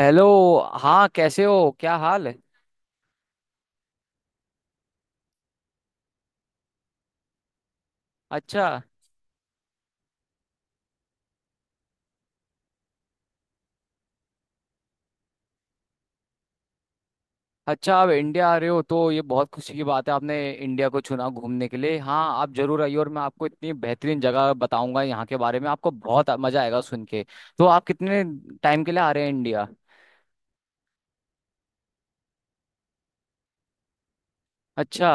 Hello. हाँ, कैसे हो? क्या हाल है? अच्छा। अच्छा, आप इंडिया आ रहे हो तो ये बहुत खुशी की बात है। आपने इंडिया को चुना घूमने के लिए। हाँ, आप जरूर आइए और मैं आपको इतनी बेहतरीन जगह बताऊंगा यहाँ के बारे में, आपको बहुत मजा आएगा सुन के। तो आप कितने टाइम के लिए आ रहे हैं इंडिया? अच्छा।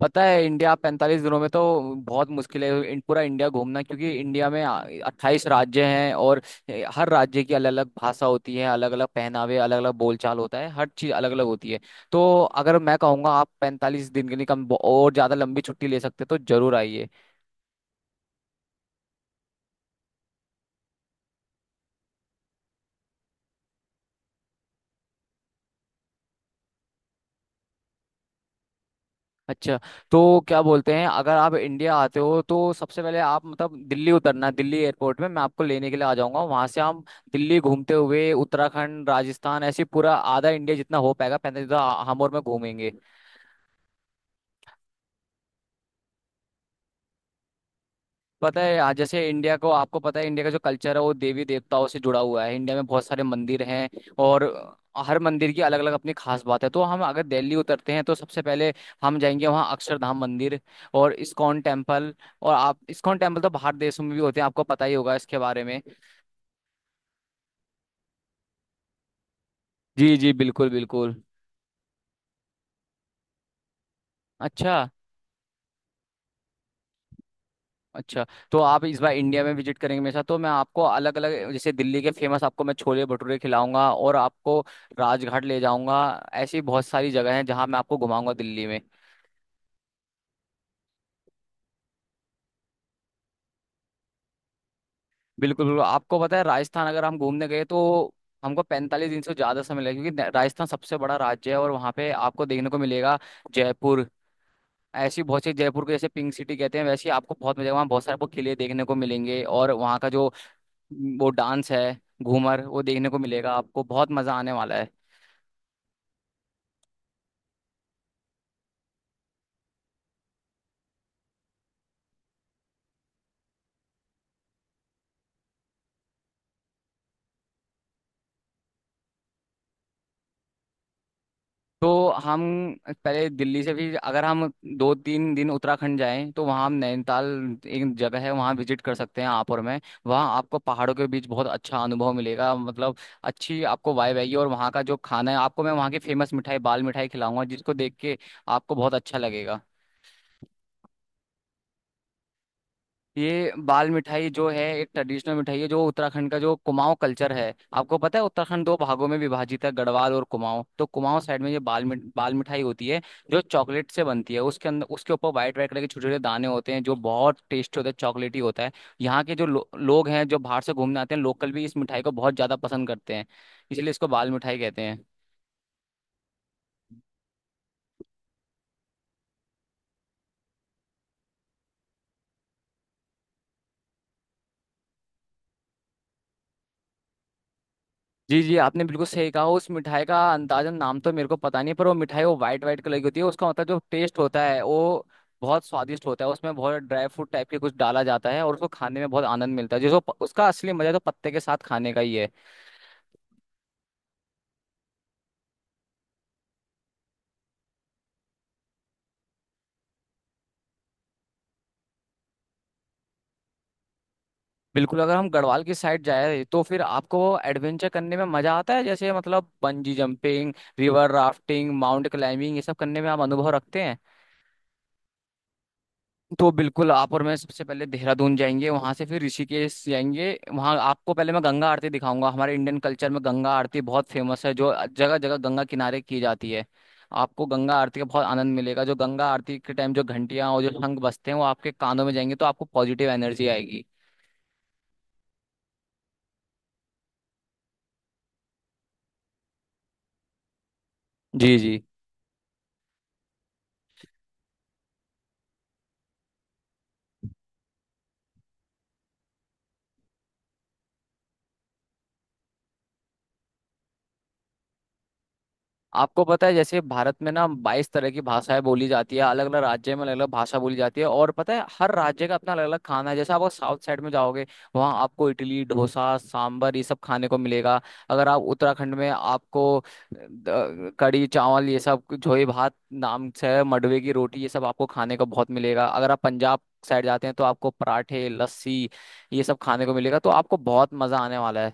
पता है, इंडिया 45 दिनों में तो बहुत मुश्किल है पूरा इंडिया घूमना, क्योंकि इंडिया में 28 राज्य हैं और हर राज्य की अलग अलग भाषा होती है, अलग अलग पहनावे, अलग अलग बोलचाल होता है, हर चीज़ अलग अलग होती है। तो अगर मैं कहूँगा, आप 45 दिन के लिए कम और ज़्यादा लंबी छुट्टी ले सकते हैं, तो जरूर आइए। अच्छा। तो क्या बोलते हैं, अगर आप इंडिया आते हो तो सबसे पहले आप मतलब दिल्ली उतरना। दिल्ली एयरपोर्ट में मैं आपको लेने के लिए आ जाऊंगा। वहां से हम दिल्ली घूमते हुए उत्तराखंड, राजस्थान, ऐसे पूरा आधा इंडिया जितना हो पाएगा 45, हम और मैं घूमेंगे। पता है, आज जैसे इंडिया को, आपको पता है इंडिया का जो कल्चर है वो देवी देवताओं से जुड़ा हुआ है। इंडिया में बहुत सारे मंदिर हैं और हर मंदिर की अलग अलग अपनी खास बात है। तो हम अगर दिल्ली उतरते हैं तो सबसे पहले हम जाएंगे वहाँ अक्षरधाम मंदिर और इस्कॉन टेम्पल। और आप इस्कॉन टेम्पल तो बाहर देशों में भी होते हैं, आपको पता ही होगा इसके बारे में। जी जी, बिल्कुल बिल्कुल। अच्छा। अच्छा, तो आप इस बार इंडिया में विजिट करेंगे मेरे साथ तो मैं आपको अलग अलग जैसे दिल्ली के फेमस आपको मैं छोले भटूरे खिलाऊंगा और आपको राजघाट ले जाऊंगा। ऐसी बहुत सारी जगह हैं जहां मैं आपको घुमाऊंगा दिल्ली में। बिल्कुल बिल्कुल। आपको पता है राजस्थान, अगर हम घूमने गए तो हमको 45 दिन से ज़्यादा समय लगेगा, क्योंकि राजस्थान सबसे बड़ा राज्य है और वहाँ पे आपको देखने को मिलेगा जयपुर। ऐसी बहुत सी, जयपुर को जैसे पिंक सिटी कहते हैं, वैसे ही आपको बहुत मजा, वहाँ बहुत सारे आपको किले देखने को मिलेंगे और वहाँ का जो वो डांस है घूमर, वो देखने को मिलेगा। आपको बहुत मजा आने वाला है। तो हम पहले दिल्ली से भी अगर हम दो तीन दिन उत्तराखंड जाएं तो वहाँ हम नैनीताल एक जगह है, वहाँ विजिट कर सकते हैं आप और मैं। वहाँ आपको पहाड़ों के बीच बहुत अच्छा अनुभव मिलेगा, मतलब अच्छी आपको वाइब आएगी। और वहाँ का जो खाना है, आपको मैं वहाँ की फेमस मिठाई बाल मिठाई खिलाऊंगा, जिसको देख के आपको बहुत अच्छा लगेगा। ये बाल मिठाई जो है एक ट्रेडिशनल मिठाई है, जो उत्तराखंड का जो कुमाऊं कल्चर है। आपको पता है, उत्तराखंड दो भागों में विभाजित है, गढ़वाल और कुमाऊं। तो कुमाऊं साइड में ये बाल मिठाई होती है, जो चॉकलेट से बनती है। उसके अंदर, उसके ऊपर व्हाइट व्हाइट कलर के छोटे छोटे दाने होते हैं जो बहुत टेस्टी होते हैं, चॉकलेटी होता है। यहाँ के जो लोग हैं, जो बाहर से घूमने आते हैं, लोकल भी इस मिठाई को बहुत ज्यादा पसंद करते हैं, इसलिए इसको बाल मिठाई कहते हैं। जी जी, आपने बिल्कुल सही कहा। उस मिठाई का अंदाजन नाम तो मेरे को पता नहीं, पर वो मिठाई वो वाइट वाइट कलर की होती है। उसका मतलब जो टेस्ट होता है वो बहुत स्वादिष्ट होता है। उसमें बहुत ड्राई फ्रूट टाइप के कुछ डाला जाता है और उसको खाने में बहुत आनंद मिलता है, उसका असली मजा तो पत्ते के साथ खाने का ही है। बिल्कुल, अगर हम गढ़वाल की साइड जाए तो फिर आपको एडवेंचर करने में मजा आता है, जैसे मतलब bungee jumping, river rafting, mount climbing, ये सब करने में आप अनुभव रखते हैं। तो बिल्कुल, आप और मैं सबसे पहले देहरादून जाएंगे, वहां से फिर ऋषिकेश जाएंगे। वहां आपको पहले मैं गंगा आरती दिखाऊंगा। हमारे इंडियन कल्चर में गंगा आरती बहुत फेमस है, जो जगह जगह गंगा किनारे की जाती है। आपको गंगा आरती का बहुत आनंद मिलेगा। जो गंगा आरती के टाइम जो घंटियां और जो शंख बजते हैं वो आपके कानों में जाएंगे तो आपको पॉजिटिव एनर्जी आएगी। जी जी। आपको पता है जैसे भारत में ना 22 तरह की भाषाएं बोली जाती है, अलग अलग राज्य में अलग अलग भाषा बोली जाती है। और पता है हर राज्य का अपना अलग अलग खाना है। जैसे आप साउथ साइड में जाओगे, वहाँ आपको इडली, डोसा, सांबर, ये सब खाने को मिलेगा। अगर आप उत्तराखंड में, आपको कढ़ी चावल ये सब, झोई भात नाम से है, मडवे की रोटी, ये सब आपको खाने को बहुत मिलेगा। अगर आप पंजाब साइड जाते हैं तो आपको पराठे, लस्सी ये सब खाने को मिलेगा। तो आपको बहुत मजा आने वाला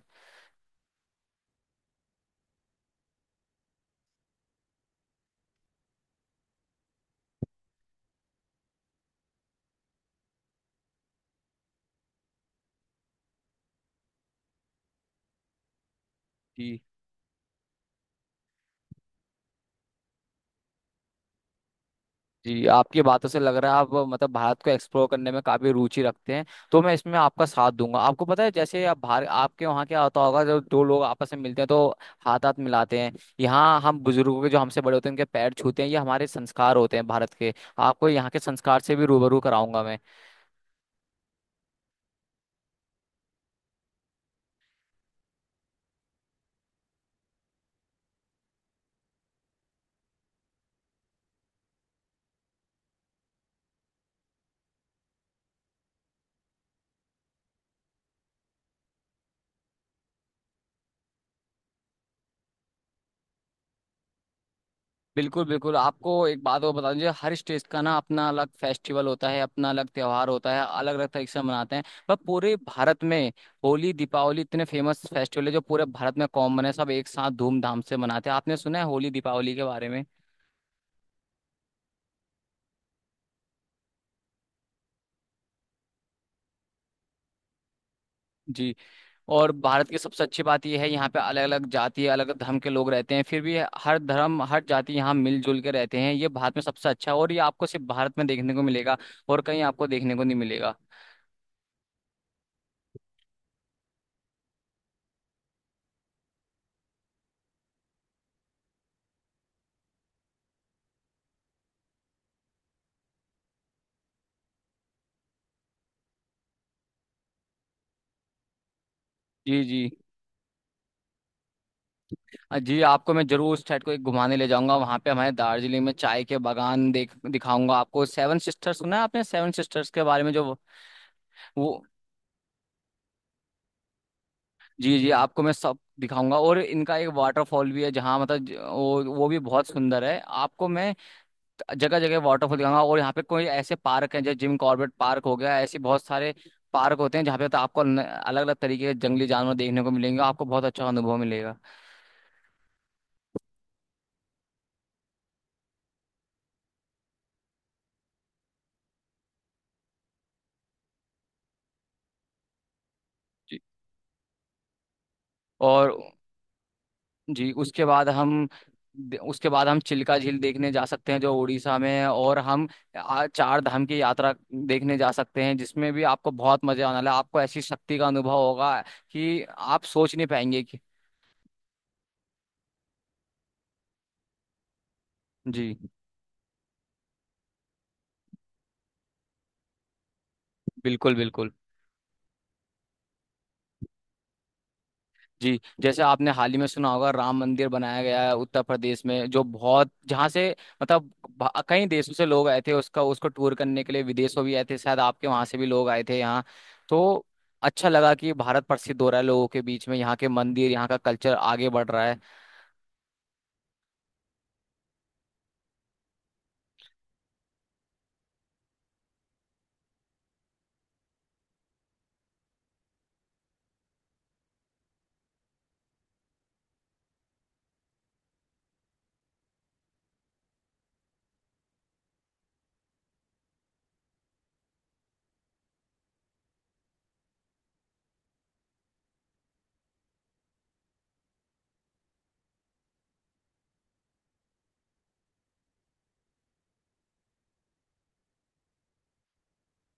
है। जी, आपकी बातों से लग रहा है आप मतलब भारत को एक्सप्लोर करने में काफी रुचि रखते हैं, तो मैं इसमें आपका साथ दूंगा। आपको पता है, जैसे आप भारत, आपके वहाँ क्या होता होगा जब दो लोग आपस में मिलते हैं तो हाथ हाथ मिलाते हैं। यहाँ हम बुजुर्गों के, जो हमसे बड़े होते हैं, उनके पैर छूते हैं। ये हमारे संस्कार होते हैं भारत के। आपको यहाँ के संस्कार से भी रूबरू कराऊंगा मैं। बिल्कुल बिल्कुल। आपको एक बात और बता दीजिए, हर स्टेट का ना अपना अलग फेस्टिवल होता है, अपना अलग त्योहार होता है, अलग अलग तरीके से मनाते हैं। पर पूरे भारत में होली, दीपावली इतने फेमस फेस्टिवल है जो पूरे भारत में कॉमन है। सब एक साथ धूमधाम से मनाते हैं। आपने सुना है होली दीपावली के बारे में? जी। और भारत की सबसे अच्छी बात यह है, यहाँ पे अलग अलग जाति, अलग अलग धर्म के लोग रहते हैं, फिर भी हर धर्म हर जाति यहाँ मिलजुल के रहते हैं। ये भारत में सबसे अच्छा है और ये आपको सिर्फ भारत में देखने को मिलेगा, और कहीं आपको देखने को नहीं मिलेगा। जी जी। हाँ जी, आपको मैं जरूर उस साइड को एक घुमाने ले जाऊंगा। वहां पे हमारे दार्जिलिंग में चाय के बागान देख दिखाऊंगा आपको। सेवन सिस्टर्स सुना है आपने, सेवन सिस्टर्स के बारे में वो- जी जी। आपको मैं सब दिखाऊंगा। और इनका एक वाटरफॉल भी है जहाँ मतलब वो भी बहुत सुंदर है। आपको मैं जगह जगह वाटरफॉल दिखाऊंगा। और यहाँ पे कोई ऐसे पार्क हैं जैसे जिम कॉर्बेट पार्क हो गया, ऐसे बहुत सारे पार्क होते हैं जहाँ पे तो आपको अलग अलग तरीके के जंगली जानवर देखने को मिलेंगे। आपको बहुत अच्छा अनुभव मिलेगा। जी। और जी, उसके बाद हम चिल्का झील देखने जा सकते हैं जो उड़ीसा में है। और हम चार धाम की यात्रा देखने जा सकते हैं, जिसमें भी आपको बहुत मजा आने वाला है। आपको ऐसी शक्ति का अनुभव होगा कि आप सोच नहीं पाएंगे कि। जी बिल्कुल बिल्कुल। जी, जैसे आपने हाल ही में सुना होगा, राम मंदिर बनाया गया है उत्तर प्रदेश में, जो बहुत, जहाँ से मतलब कई देशों से लोग आए थे उसका, उसको टूर करने के लिए विदेशों भी आए थे। शायद आपके वहां से भी लोग आए थे यहाँ। तो अच्छा लगा कि भारत प्रसिद्ध हो रहा है लोगों के बीच में। यहाँ के मंदिर, यहाँ का कल्चर आगे बढ़ रहा है।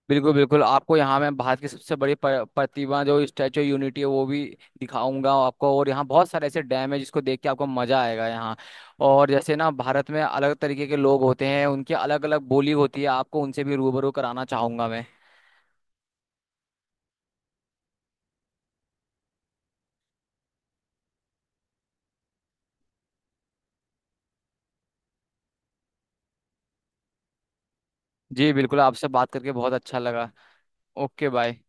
बिल्कुल बिल्कुल। आपको यहाँ मैं भारत की सबसे बड़ी प्रतिमा जो स्टैचू यूनिटी है वो भी दिखाऊंगा आपको। और यहाँ बहुत सारे ऐसे डैम है जिसको देख के आपको मजा आएगा यहाँ। और जैसे ना भारत में अलग तरीके के लोग होते हैं, उनकी अलग अलग बोली होती है। आपको उनसे भी रूबरू कराना चाहूंगा मैं। जी बिल्कुल, आपसे बात करके बहुत अच्छा लगा। Okay, bye.